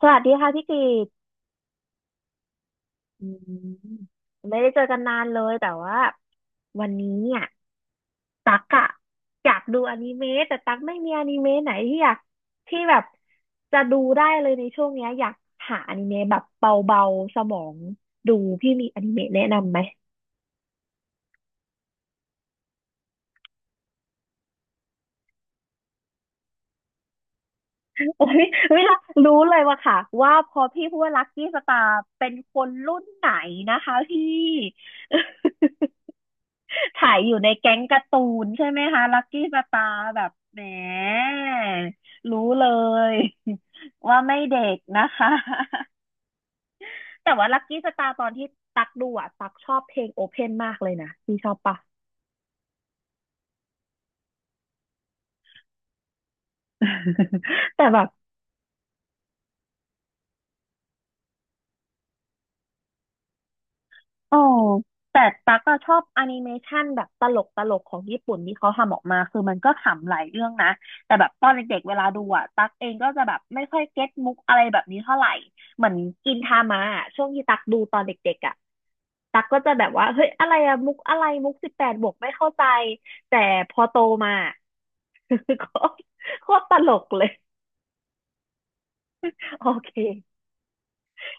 สวัสดีค่ะพี่กิตไม่ได้เจอกันนานเลยแต่ว่าวันนี้เนี่ยตักอะอยากดูอนิเมะแต่ตักไม่มีอนิเมะไหนที่อยากที่แบบจะดูได้เลยในช่วงเนี้ยอยากหาอนิเมะแบบเบาๆสมองดูพี่มีอนิเมะแนะนำไหมโอ้ยเวลา รู้เลยว่าค่ะว่าพอพี่พูดว่าลัคกี้สตาร์เป็นคนรุ่นไหนนะคะพี่ ถ่ายอยู่ในแก๊งการ์ตูนใช่ไหมคะลักกี้สตาร์แบบแหมรู้เลย ว่าไม่เด็กนะคะ แต่ว่าลักกี้สตาร์ตอนที่ตักดูอ่ะตักชอบเพลงโอเพนมากเลยนะพี่ชอบปะ แต่แบบ อ๋อแต่ตั๊กอชอบแอนิเมชันแบบตลกตลกของญี่ปุ่นที่เขาทำออกมาคือมันก็ขำหลายเรื่องนะ แต่แบบตอนเด็กๆเวลาดูอะตั๊กเองก็จะแบบไม่ค่อยเก็ตมุกอะไรแบบนี้เท่าไหร่เหมือนกินทามะอะช่วงที่ตั๊กดูตอนเด็กๆอะตั๊กก็จะแบบว่าเฮ้ยอะไรอะมุกอะไรมุก18+ไม่เข้าใจแต่พอโตมา โคตรโคตรตลกเลยโอเค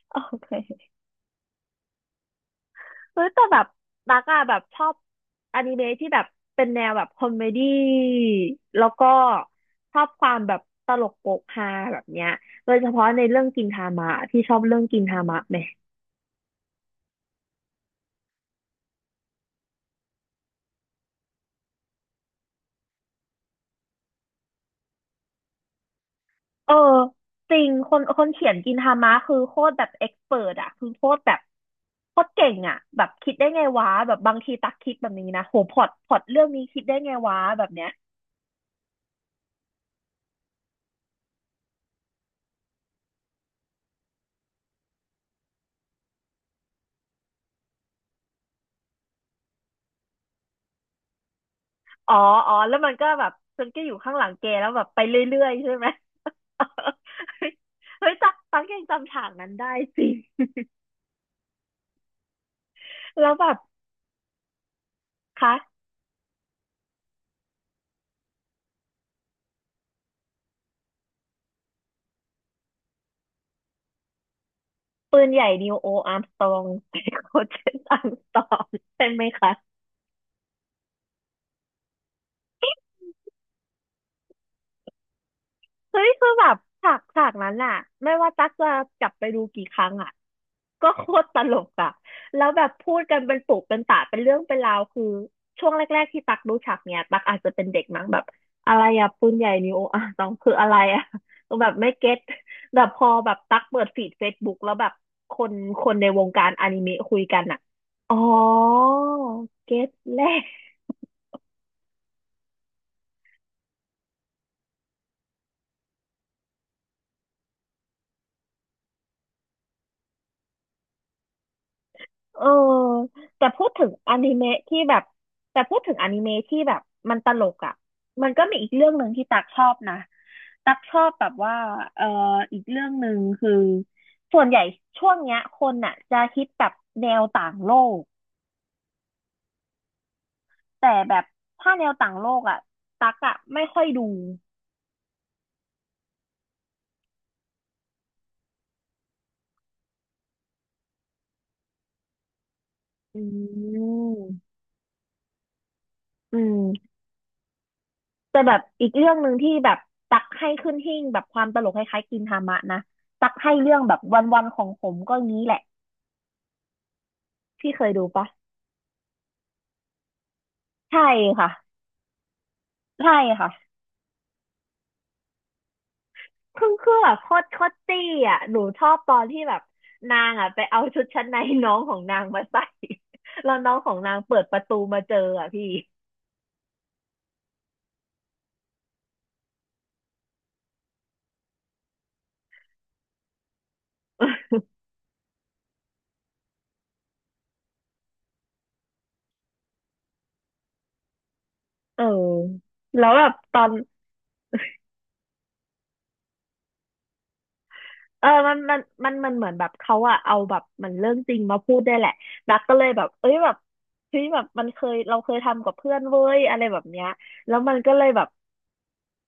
โอเค เฮ้ยแต่แบบตักอะแบบชอบอนิเมะที่แบบเป็นแนวแบบคอมเมดี้แล้วก็ชอบความแบบตลกโปกฮาแบบเนี้ยโดยเฉพาะในเรื่องกินทามะที่ชอบเรื่องกินทามะไหมเออจริงคนเขียนกินทามะคือโคตรแบบเอ็กซ์เพิรอะคือโคตรแบบโคตรเก่งอะแบบคิดได้ไงวะแบบบางทีตักคิดแบบนี้นะโหพล็อตเรื่องนี้คิดได้ไงวะแบบเนี้ย อ๋อ อ๋อ แล้วมันก็แบบฉันก็อยู่ข้างหลังแกแล้วแบบไปเรื่อยๆใช่ไหม เฮ้ยตักตักยังจำฉากนั้นได้สิ แล้วแบบคะปืนใหญ่นิวโออาร์มสตรอง ใส่โคเชนอาร์มสตรองใช่ไหมคะเฮ้ยคือแบบฉากนั้นอะไม่ว่าตั๊กจะกลับไปดูกี่ครั้งอ่ะ ก็โคตรตลกอ่ะแล้วแบบพูดกันเป็นปุกเป็นตะเป็นเรื่องเป็นราวคือช่วงแรกๆที่ตักรู้ฉากเนี่ยตักอาจจะเป็นเด็กมั้งแบบอะไรอะปืนใหญ่นิวอ่ะต้องคืออะไรอะต้องแบบไม่เก็ตแต่พอแบบตักเปิดฟีดเฟซบุ๊กแล้วแบบคนคนในวงการอนิเมะคุยกันอ่ะอ๋อเก็ตแล้ว เออแต่พูดถึงอนิเมะที่แบบแต่พูดถึงอนิเมะที่แบบมันตลกอ่ะมันก็มีอีกเรื่องหนึ่งที่ตักชอบนะตักชอบแบบว่าเอออีกเรื่องหนึ่งคือส่วนใหญ่ช่วงเนี้ยคนอ่ะจะฮิตแบบแนวต่างโลกแต่แบบถ้าแนวต่างโลกอ่ะตักอ่ะไม่ค่อยดูอืมอืมแต่แบบอีกเรื่องหนึ่งที่แบบตักให้ขึ้นหิ้งแบบความตลกคล้ายๆกินทามะนะตักให้เรื่องแบบวันๆของผมก็งี้แหละ พี่เคยดูปะใช่ค่ะใช่ค่ะคือแบบโคตรตี้อ่ะหนูชอบตอนที่แบบนางอ่ะไปเอาชุดชั้นในน้องของนางมาใส่ แล้วน้องของนางเปิดประตูมาเจออ่ะพี่ เออแล้วแบบตอนเออมันเหมือนแบบเขาอะเอาแบบมันเรื่องจริงมาพูดได้วยแหละดักก็เลยแบบเอ้ยแบบเฮ้ยแบบมันเคยเราเคยทำกับเพื่อนเว้ยอะไรแบบเนี้ยแล้วมันก็เลยแบบ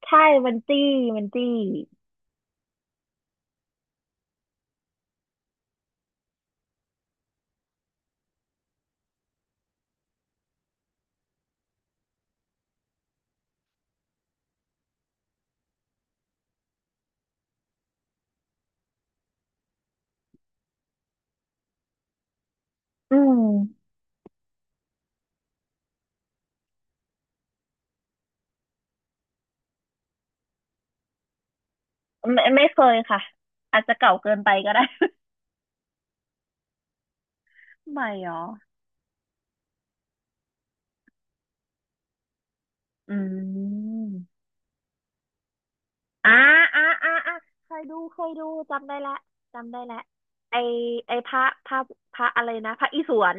ใช่มันจี้มันจี้อืม ไม่ไม่เคยค่ะอาจจะเก่าเกินไปก็ได้ ใหม่เหรออืมอ่าอ่าอ่าอ่าเคยดูเคยดูจำได้ละจำได้ละไอไอพระพระพระอะไรนะพระอิศวร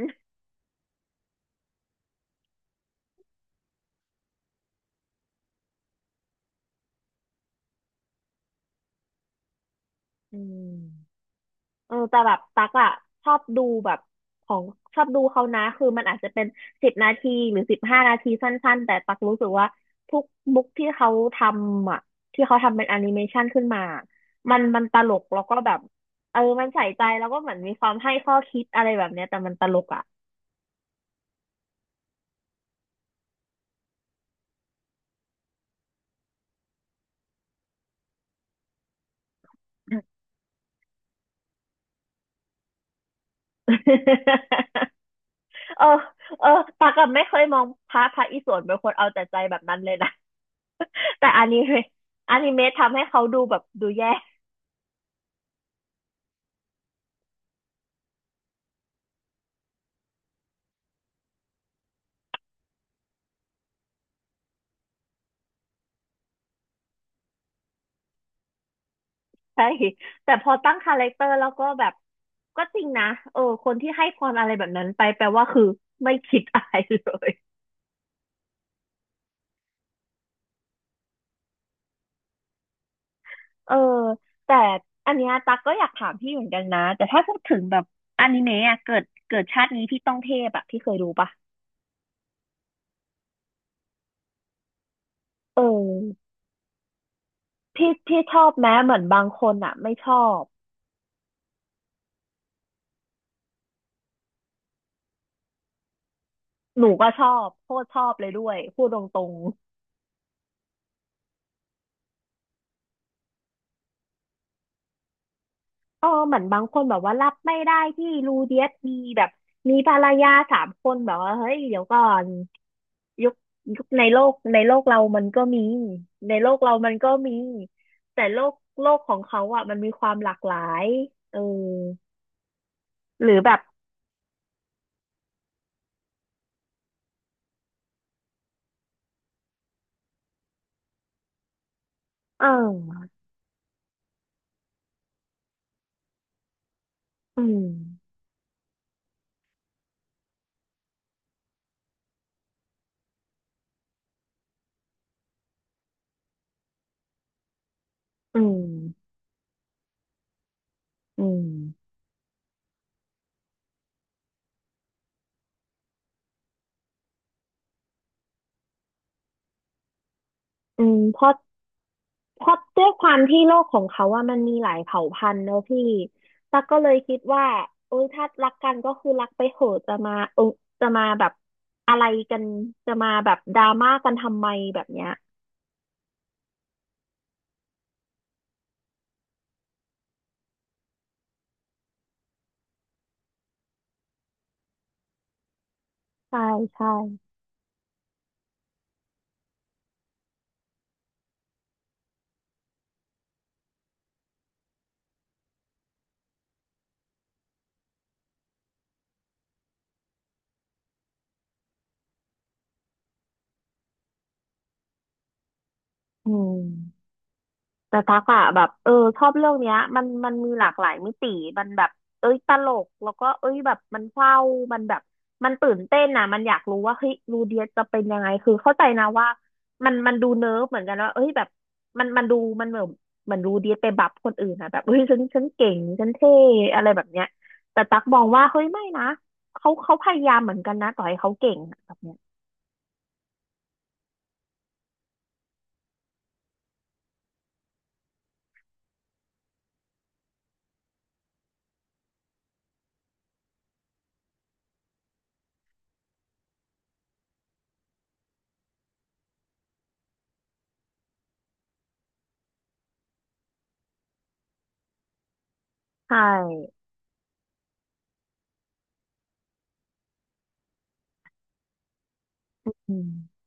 อืม เออแต่แบบตักอะชอบดูแบบของชอบดูเขานะคือมันอาจจะเป็น10 นาทีหรือ15 นาทีสั้นๆแต่ตักรู้สึกว่าทุกบุ๊กที่เขาทำอะที่เขาทำเป็นแอนิเมชันขึ้นมามันมันตลกแล้วก็แบบเออมันใส่ใจแล้วก็เหมือนมีความให้ข้อคิดอะไรแบบเนี้ยแต่มันตลกอะ เออเออตักอะไม่เคยมองพระอิศวรเป็นคนเอาแต่ใจแบบนั้นเลยนะแต่อนิเมะ อนิเมะทำให้เขาดูแบบดูแย่ ใช่แต่พอตั้งคาแรคเตอร์แล้วก็แบบก็จริงนะเออคนที่ให้พรอะไรแบบนั้นไปแปลว่าคือไม่คิดอะไรเลยเออแต่อันเนี้ยตักก็อยากถามพี่เหมือนกันนะแต่ถ้าพูดถึงแบบอนิเมะอะเกิดเกิดชาตินี้พี่ต้องเทพอะพี่เคยดูปะเออพี่พี่ชอบแม้เหมือนบางคนอะไม่ชอบหนูก็ชอบโคตรชอบเลยด้วยพูดตรงๆ เออเหมือนบางคนแบบว่ารับไม่ได้ที่รูเดียสมีแบบมีภรรยาสามคนแบบว่าเฮ้ยเดี๋ยวก่อนยุคยุคในโลกเรามันก็มีในโลกเรามันก็มีแต่โลกโลกของเขาอ่ะมันมีความหลากหลายเออหรือแบบเอออืมอืมอืมอืมเพราะ ด้วยความที่โลกของเขาว่ามันมีหลายเผ่าพันธุ์เนอะพี่ตั๊กก็เลยคิดว่าโอ้ยถ้ารักกันก็คือรักไปเถอะจะมาเออจะมาแบบอะไรกัน จะมาแบบดราม่ากันทำไมแบบเนี้ยใช่ใช่อืม แต่ตักอะแบบเออชอบเรื่องเนี้ยมันมีหลากหลายมิติมันแบบเอ้ยตลกแล้วก็เอ้ยแบบมันเศร้ามันแบบมันตื่นเต้นนะมันอยากรู้ว่าเฮ้ยรูเดียจะเป็นยังไงคือเข้าใจนะว่ามันดูเนิร์ฟเหมือนกันว่าเอ้ยแบบมันดูมันเหมือนเหมือนรูเดียไปบับคนอื่นนะแบบเฮ้ยฉันเก่งฉันเท่อะไรแบบเนี้ยแต่ตักมองว่าเฮ้ยไม่นะเขาพยายามเหมือนกันนะต่อให้เขาเก่งอะแบบเนี้ยใช่อืม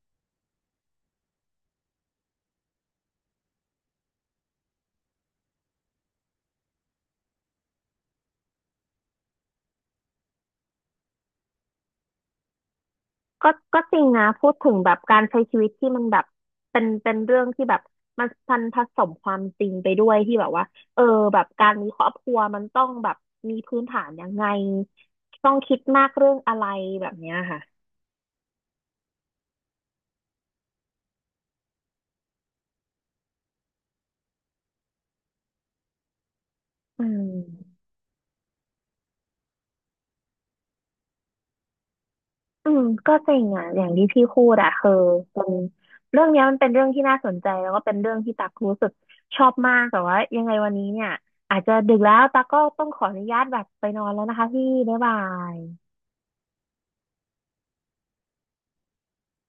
ก็ก็จริงนะพูดถึงแบบการใช้ชีวิตที่มันแบบเป็นเรื่องที่แบบมันพันผสมความจริงไปด้วยที่แบบว่าเออแบบการมีครอบครัวมันต้องแบบมีพื้นฐานยังไงต้องคิดมากเรื่องอะไรแบบเนี้ยค่ะอืมอืมก็จริงอ่ะอย่างที่พี่พูดอ่ะคือเป็นเรื่องเนี้ยมันเป็นเรื่องที่น่าสนใจแล้วก็เป็นเรื่องที่ตักรู้สึกชอบมากแต่ว่ายังไงวันนี้เนี่ยอาจจะดึกแล้วตักก็ต้องขออนุญาตแบบไปนอนแล้วนะคะพี่บ๊ายบาย